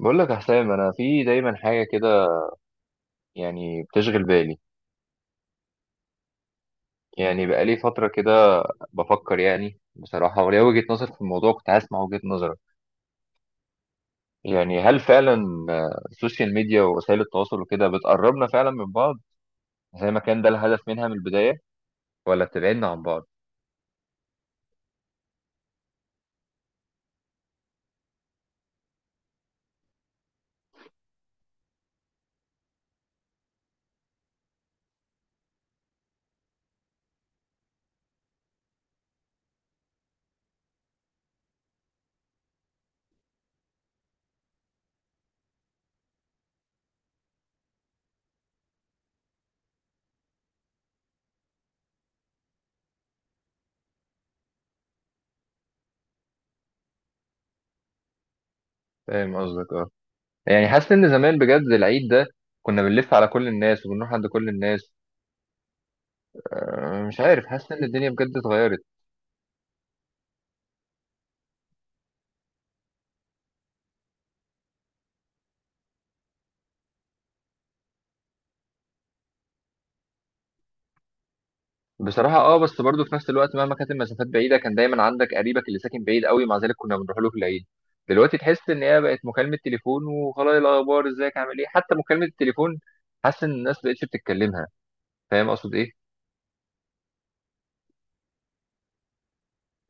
بقول لك يا حسام، انا في دايما حاجه كده يعني بتشغل بالي. يعني بقالي فتره كده بفكر، يعني بصراحه، وليا وجهه نظر في الموضوع. كنت عايز اسمع وجهه نظرك. يعني هل فعلا السوشيال ميديا ووسائل التواصل وكده بتقربنا فعلا من بعض زي ما كان ده الهدف منها من البدايه، ولا بتبعدنا عن بعض؟ فاهم قصدك، اه. يعني حاسس ان زمان بجد العيد ده كنا بنلف على كل الناس وبنروح عند كل الناس. مش عارف، حاسس ان الدنيا بجد اتغيرت. بصراحة اه، بس برضه في نفس الوقت مهما كانت المسافات بعيدة كان دايما عندك قريبك اللي ساكن بعيد قوي، مع ذلك كنا بنروح له في العيد. دلوقتي تحس ان هي بقت مكالمة تليفون وخلاص، إيه الاخبار، ازيك، عامل ايه. حتى مكالمة التليفون حاسس ان الناس مبقتش بتتكلمها. فاهم اقصد ايه؟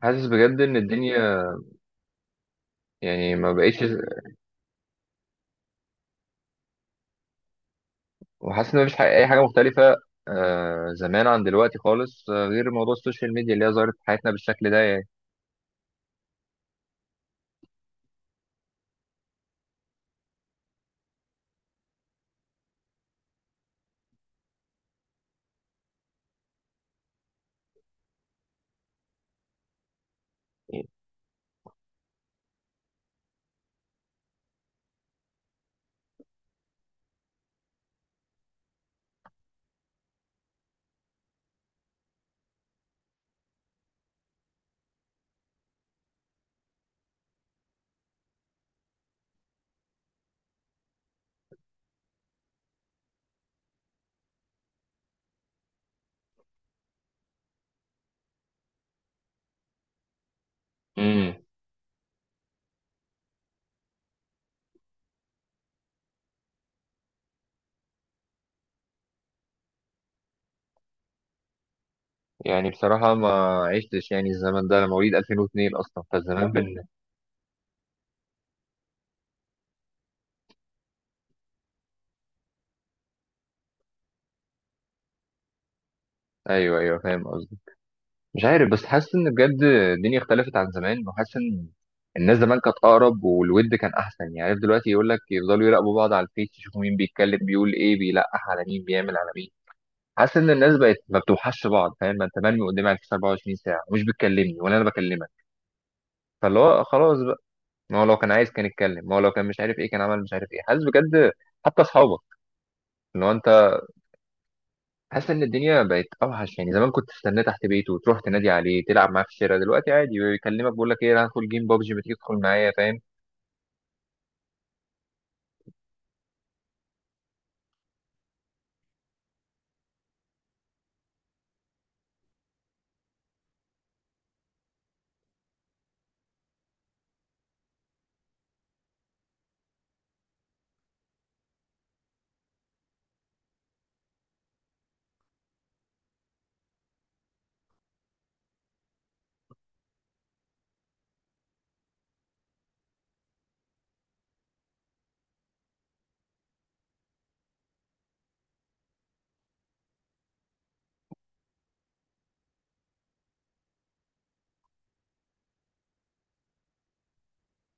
حاسس بجد ان الدنيا يعني ما بقتش، وحاسس ان مفيش اي حاجة مختلفة زمان عن دلوقتي خالص، غير موضوع السوشيال ميديا اللي هي ظهرت في حياتنا بالشكل ده يعني. امم. يعني بصراحة ما عشتش يعني الزمن ده، أنا مواليد 2002 أصلا، فالزمان ايوه ايوه، فاهم قصدي. مش عارف بس حاسس ان بجد الدنيا اختلفت عن زمان، وحاسس ان الناس زمان كانت اقرب والود كان احسن. يعني عارف دلوقتي يقول لك يفضلوا يراقبوا بعض على الفيس، يشوفوا مين بيتكلم بيقول ايه، بيلقح على مين، بيعمل على مين. حاسس ان الناس بقت ما بتوحش بعض. فاهم، ما انت مرمي قدامي على الفيس 24 ساعه ومش بتكلمني ولا انا بكلمك. فاللي هو خلاص بقى، ما هو لو كان عايز كان يتكلم، ما هو لو كان مش عارف ايه كان عمل مش عارف ايه. حاسس بجد، حتى اصحابك اللي هو انت، حاسس ان الدنيا بقت اوحش. يعني زمان كنت تستناه تحت بيته وتروح تنادي عليه تلعب معاه في الشارع، دلوقتي عادي بيكلمك بيقول لك ايه، أنا هدخل جيم بابجي، ما تيجي تدخل معايا. فاهم؟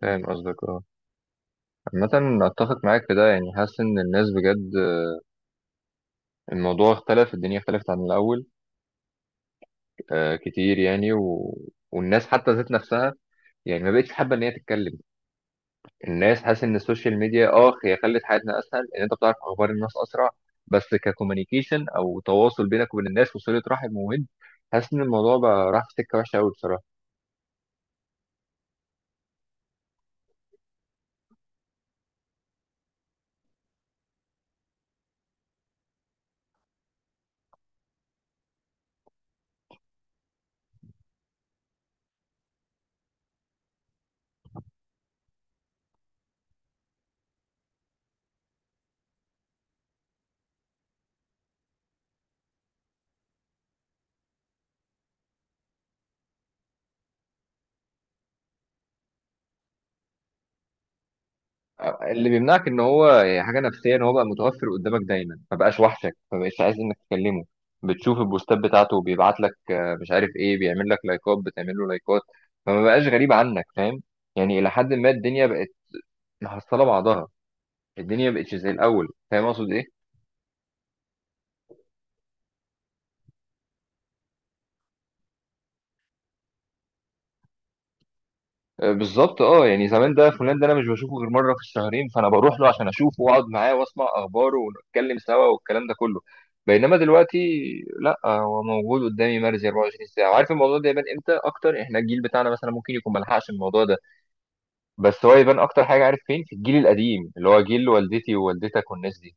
فاهم قصدك، اه. عامة اتفق معاك في ده. يعني حاسس ان الناس بجد، الموضوع اختلف، الدنيا اختلفت عن الاول كتير يعني والناس حتى ذات نفسها يعني ما بقتش حابة ان هي تتكلم. الناس، حاسس ان السوشيال ميديا هي خلت حياتنا اسهل، ان انت بتعرف اخبار الناس اسرع. بس ككوميونيكيشن او تواصل بينك وبين الناس وصله رحم وود، حاسس ان الموضوع بقى راح في سكه وحشه قوي بصراحه. اللي بيمنعك ان هو يعني حاجه نفسيه، ان هو بقى متوفر قدامك دايما، ما بقاش وحشك، ما بقاش عايز انك تكلمه. بتشوف البوستات بتاعته، بيبعت لك مش عارف ايه، بيعمل لك لايكات، بتعمل له لايكات. فما بقاش غريب عنك. فاهم؟ يعني الى حد ما الدنيا بقت محصله بعضها، الدنيا بقتش زي الاول. فاهم اقصد ايه؟ بالظبط اه. يعني زمان ده فلان ده انا مش بشوفه غير مره في الشهرين، فانا بروح له عشان اشوفه واقعد معاه واسمع اخباره ونتكلم سوا والكلام ده كله. بينما دلوقتي لا، هو موجود قدامي مرزي 24 ساعه. وعارف الموضوع ده يبان امتى اكتر؟ احنا الجيل بتاعنا مثلا ممكن يكون ملحقش الموضوع ده، بس هو يبان اكتر حاجه عارف فين؟ في الجيل القديم اللي هو جيل والدتي ووالدتك والناس دي.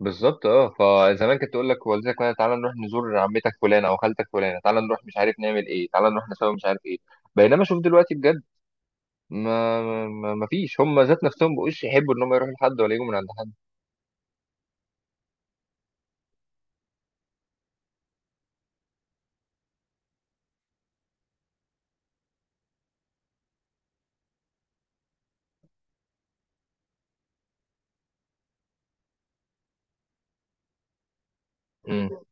بالظبط اه. فزمان كانت تقول لك والدتك مثلا تعالى نروح نزور عمتك فلانه او خالتك فلانه، تعالى نروح مش عارف نعمل ايه، تعالى نروح نسوي مش عارف ايه. بينما شوف دلوقتي بجد، ما فيش هم ذات نفسهم بقوش يحبوا ان هم يروحوا لحد ولا يجوا من عند حد. امم.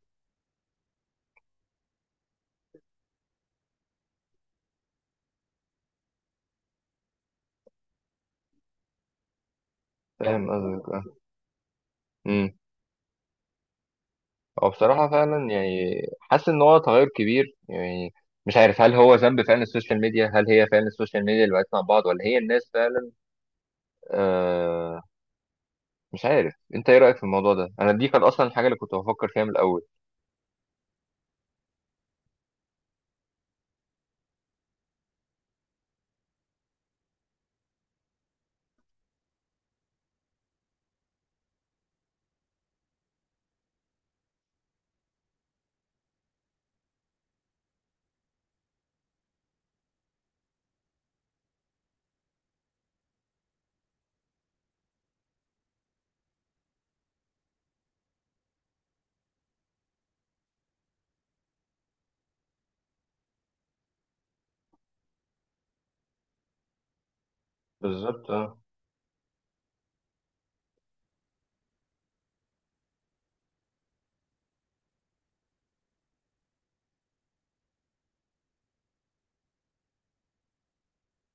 فاهم قصدك، اه. امم. هو بصراحه فعلا يعني حاسس ان هو تغير كبير يعني. مش عارف هل هو ذنب فعلا السوشيال ميديا، هل هي فعلا السوشيال ميديا اللي بقتنا مع بعض ولا هي الناس فعلا؟ آه مش عارف انت ايه رايك في الموضوع ده. انا دي كانت اصلا الحاجه اللي كنت بفكر فيها من الاول. بالظبط اه.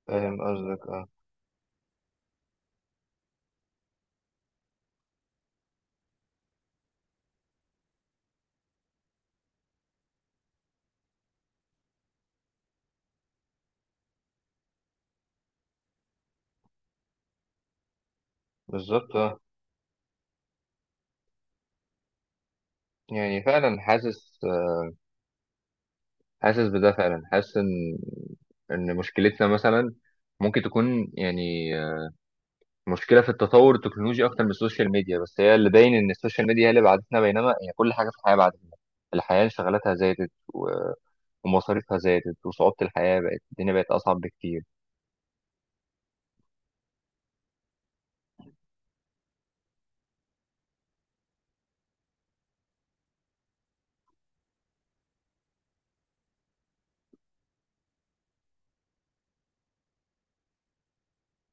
فاهم قصدك، اه. بالظبط اه. يعني فعلا حاسس بده فعلا، حاسس ان مشكلتنا مثلا ممكن تكون يعني مشكله في التطور التكنولوجي اكتر من السوشيال ميديا، بس هي اللي باين ان السوشيال ميديا هي اللي بعدتنا، بينما هي كل حاجه في الحياه بعدتنا. الحياه انشغالاتها زادت ومصاريفها زادت، وصعوبه الحياه بقت، الدنيا بقت اصعب بكتير.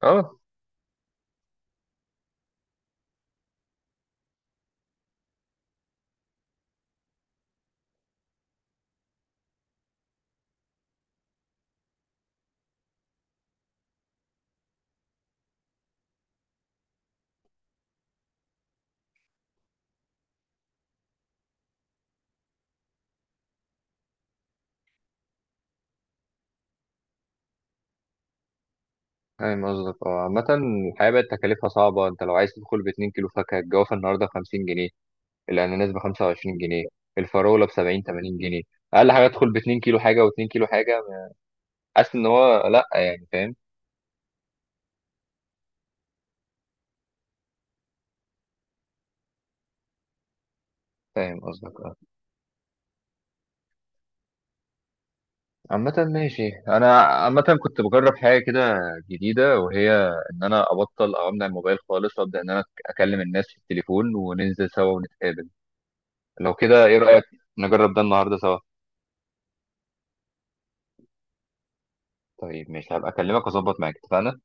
اه، فاهم قصدك، اه. عامة الحياة بقت تكاليفها صعبة. انت لو عايز تدخل ب2 كيلو فاكهة، الجوافة النهاردة ب50 جنيه، الأناناس ب25 جنيه، الفراولة ب70-80 جنيه. أقل حاجة تدخل ب2 كيلو حاجة و2 كيلو حاجة. حاسس ان هو لا، يعني فاهم؟ فاهم قصدك، اه. عامة ماشي. انا عامة كنت بجرب حاجة كده جديدة، وهي ان انا ابطل او امنع الموبايل خالص، وابدا ان انا اكلم الناس في التليفون وننزل سوا ونتقابل. لو كده ايه رأيك؟ نجرب ده النهاردة سوا. طيب ماشي، هبقى اكلمك واظبط معاك. اتفقنا.